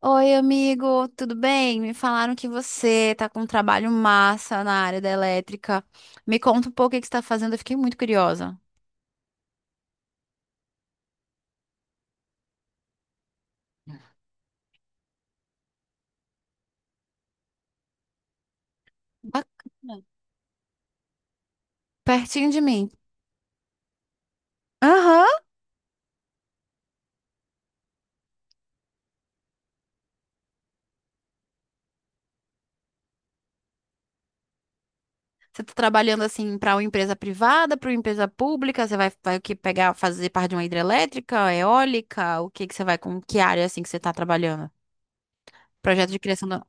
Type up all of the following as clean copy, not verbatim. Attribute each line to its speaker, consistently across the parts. Speaker 1: Oi, amigo, tudo bem? Me falaram que você tá com um trabalho massa na área da elétrica. Me conta um pouco o que você tá fazendo, eu fiquei muito curiosa. Bacana. Pertinho de mim. Aham. Você tá trabalhando assim para uma empresa privada, para uma empresa pública? Você vai o que pegar, fazer parte de uma hidrelétrica, eólica? O que você vai com que área assim que você tá trabalhando? Projeto de criação da...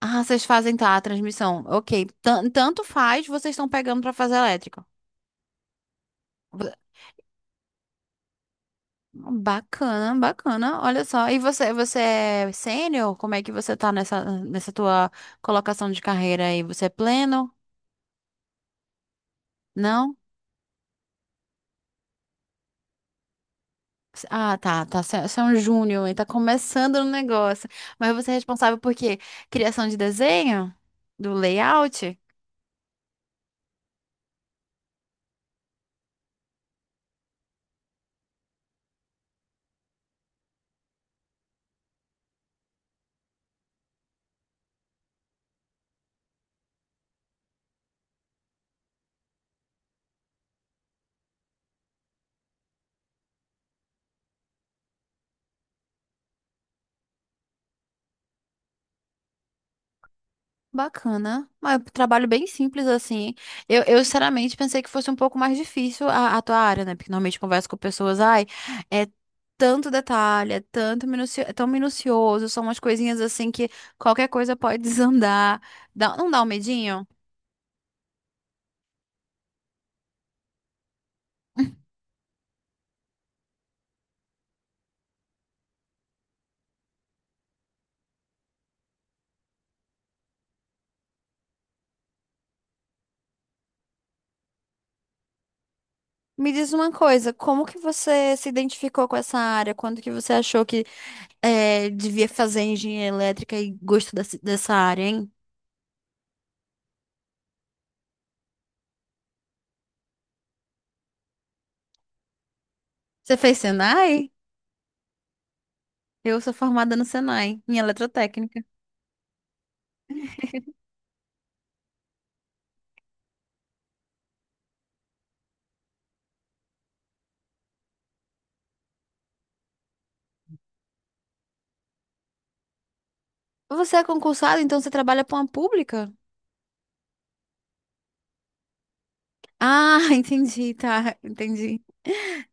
Speaker 1: Ah, vocês fazem tá a transmissão. OK. Tanto faz, vocês estão pegando para fazer elétrica. Bacana, bacana. Olha só. E você, você é sênior? Como é que você tá nessa tua colocação de carreira aí? Você é pleno? Não? Ah, tá, tá. Você é um júnior e tá começando no negócio. Mas você é responsável por quê? Criação de desenho? Do layout? Bacana. Mas é um trabalho bem simples, assim. Sinceramente, pensei que fosse um pouco mais difícil a tua área, né? Porque normalmente eu converso com pessoas, ai, é tanto detalhe, é tanto minucio... é tão minucioso, são umas coisinhas assim que qualquer coisa pode desandar. Não dá um medinho? Me diz uma coisa, como que você se identificou com essa área? Quando que você achou que devia fazer engenharia elétrica e gostou dessa área, hein? Você fez Senai? Eu sou formada no Senai, em eletrotécnica. Você é concursado, então você trabalha para uma pública? Ah, entendi, tá, entendi.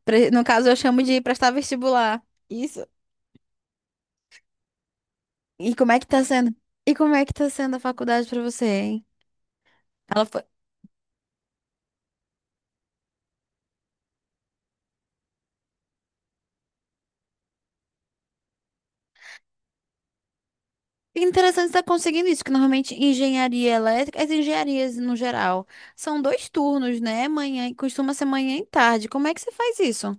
Speaker 1: No caso, eu chamo de prestar vestibular. Isso. E como é que tá sendo? E como é que tá sendo a faculdade para você, hein? Ela foi interessante estar conseguindo isso, que normalmente engenharia elétrica, as engenharias no geral, são dois turnos, né? Manhã, costuma ser manhã e tarde. Como é que você faz isso?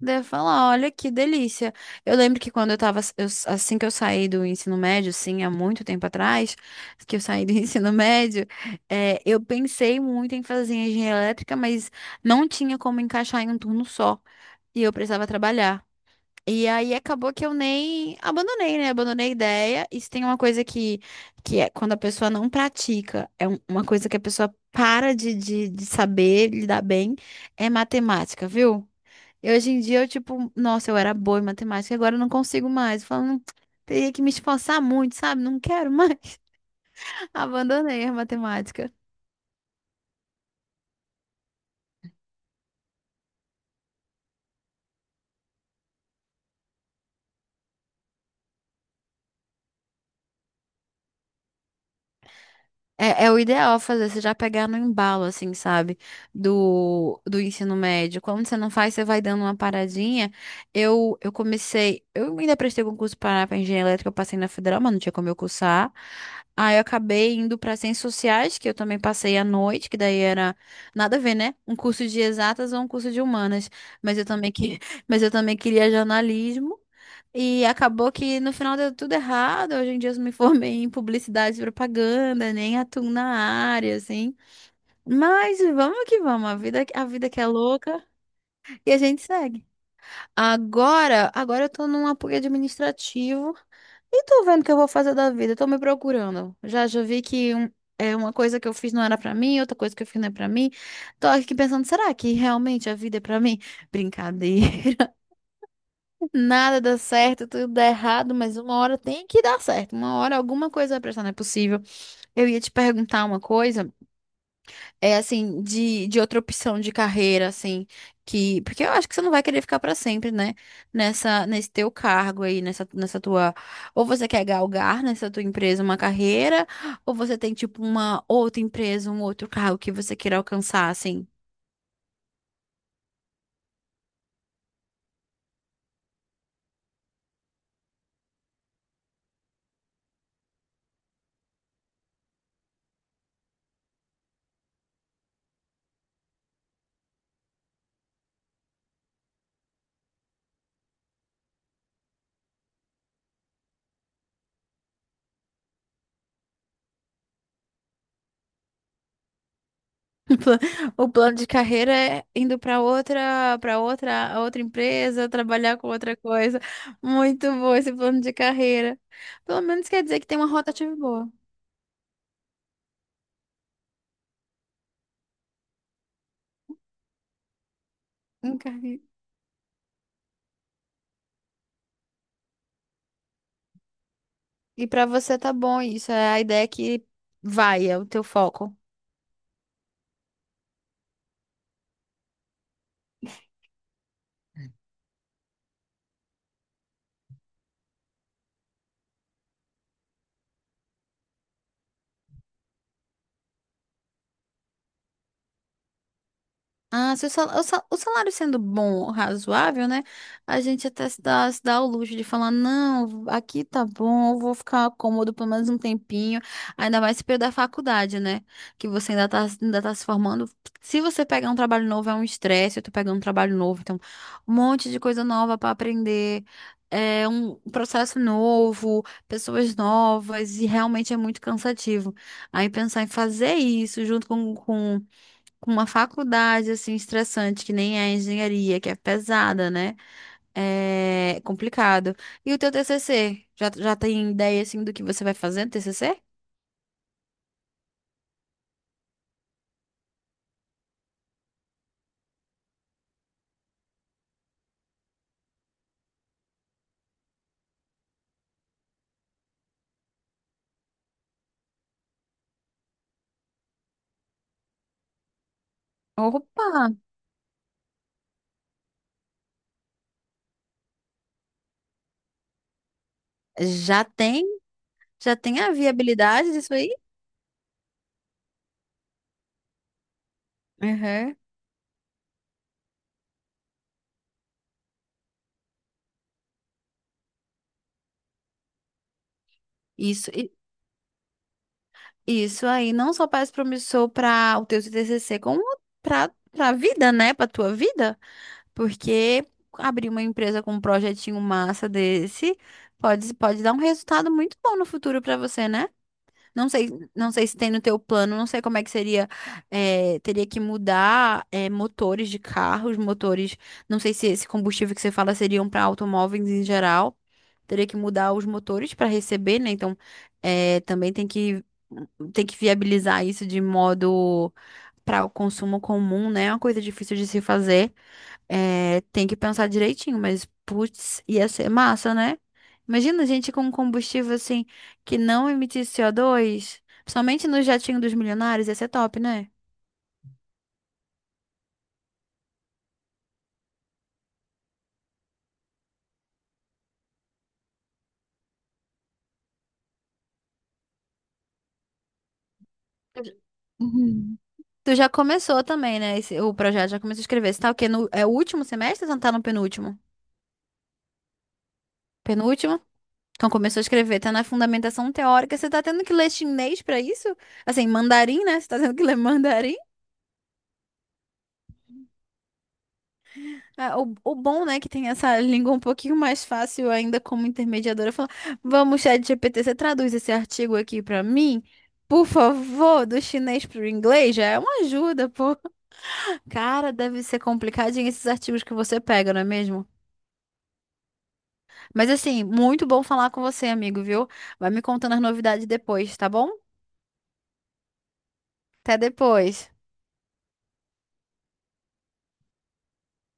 Speaker 1: Deve falar, olha que delícia. Eu lembro que quando eu tava, assim que eu saí do ensino médio, assim, há muito tempo atrás, que eu saí do ensino médio, eu pensei muito em fazer engenharia elétrica, mas não tinha como encaixar em um turno só, e eu precisava trabalhar. E aí acabou que eu nem abandonei, né? Abandonei a ideia. E se tem uma coisa que é quando a pessoa não pratica, é uma coisa que a pessoa para de saber lidar bem, é matemática, viu? E hoje em dia eu, tipo, nossa, eu era boa em matemática, agora eu não consigo mais. Falando, teria que me esforçar muito, sabe? Não quero mais. Abandonei a matemática. É, é o ideal fazer, você já pegar no embalo, assim, sabe? Do ensino médio. Quando você não faz, você vai dando uma paradinha. Eu comecei, eu ainda prestei concurso para engenharia elétrica, eu passei na federal, mas não tinha como eu cursar. Aí eu acabei indo para ciências sociais, que eu também passei à noite, que daí era nada a ver, né? Um curso de exatas ou um curso de humanas. Mas eu também que, mas eu também queria jornalismo. E acabou que no final deu tudo errado. Hoje em dia eu me formei em publicidade e propaganda, nem atuo na área, assim. Mas vamos que vamos, a vida que é louca e a gente segue. Agora, agora eu tô num apoio administrativo e tô vendo o que eu vou fazer da vida, tô me procurando. Já já vi que é uma coisa que eu fiz não era pra mim, outra coisa que eu fiz não é pra mim. Tô aqui pensando, será que realmente a vida é pra mim? Brincadeira. Nada dá certo, tudo dá errado, mas uma hora tem que dar certo. Uma hora alguma coisa vai prestar, não é possível. Eu ia te perguntar uma coisa, é assim, de outra opção de carreira, assim, que. Porque eu acho que você não vai querer ficar pra sempre, né? Nesse teu cargo aí, nessa tua. Ou você quer galgar nessa tua empresa uma carreira, ou você tem, tipo, uma outra empresa, um outro cargo que você queira alcançar, assim. pla- O plano de carreira é indo para outra empresa, trabalhar com outra coisa. Muito bom esse plano de carreira. Pelo menos quer dizer que tem uma rotativa boa. Um carre- E para você tá bom isso, é a ideia que vai, é o teu foco. Ah, se o salário sendo bom, razoável, né? A gente até se dá o luxo de falar, não, aqui tá bom, eu vou ficar cômodo pelo menos um tempinho, ainda mais se perder a faculdade, né? Que você ainda tá se formando. Se você pegar um trabalho novo, é um estresse, eu tô pegando um trabalho novo, então, um monte de coisa nova pra aprender. É um processo novo, pessoas novas, e realmente é muito cansativo. Aí pensar em fazer isso junto com com uma faculdade assim estressante, que nem é a engenharia, que é pesada, né? É complicado. E o teu TCC? Já, já tem ideia assim do que você vai fazer no TCC? Opa! Já tem? Já tem a viabilidade disso aí? Uhum. Isso, i- isso aí não só parece promissor para o teu TCC, como para vida, né? Para tua vida, porque abrir uma empresa com um projetinho massa desse pode dar um resultado muito bom no futuro para você, né? Não sei, não sei se tem no teu plano, não sei como é que seria. Teria que mudar, motores de carros, motores. Não sei se esse combustível que você fala seriam para automóveis em geral. Teria que mudar os motores para receber, né? Então, também tem tem que viabilizar isso de modo para o consumo comum, né? É uma coisa difícil de se fazer. É, tem que pensar direitinho, mas putz, ia ser massa, né? Imagina a gente com um combustível assim que não emitisse CO2, principalmente no jatinho dos milionários, ia ser top, né? Uhum. Tu já começou também, né? O projeto já começou a escrever. Você tá o quê? No, é o último semestre ou você tá no penúltimo? Penúltimo? Então começou a escrever, tá na fundamentação teórica. Você tá tendo que ler chinês pra isso? Assim, mandarim, né? Você tá tendo que ler mandarim? É, o bom, né, que tem essa língua um pouquinho mais fácil ainda como intermediadora, falar, vamos, chat ChatGPT, você traduz esse artigo aqui pra mim? Por favor, do chinês pro inglês, já é uma ajuda, pô. Cara, deve ser complicadinho esses artigos que você pega, não é mesmo? Mas assim, muito bom falar com você, amigo, viu? Vai me contando as novidades depois, tá bom? Até depois.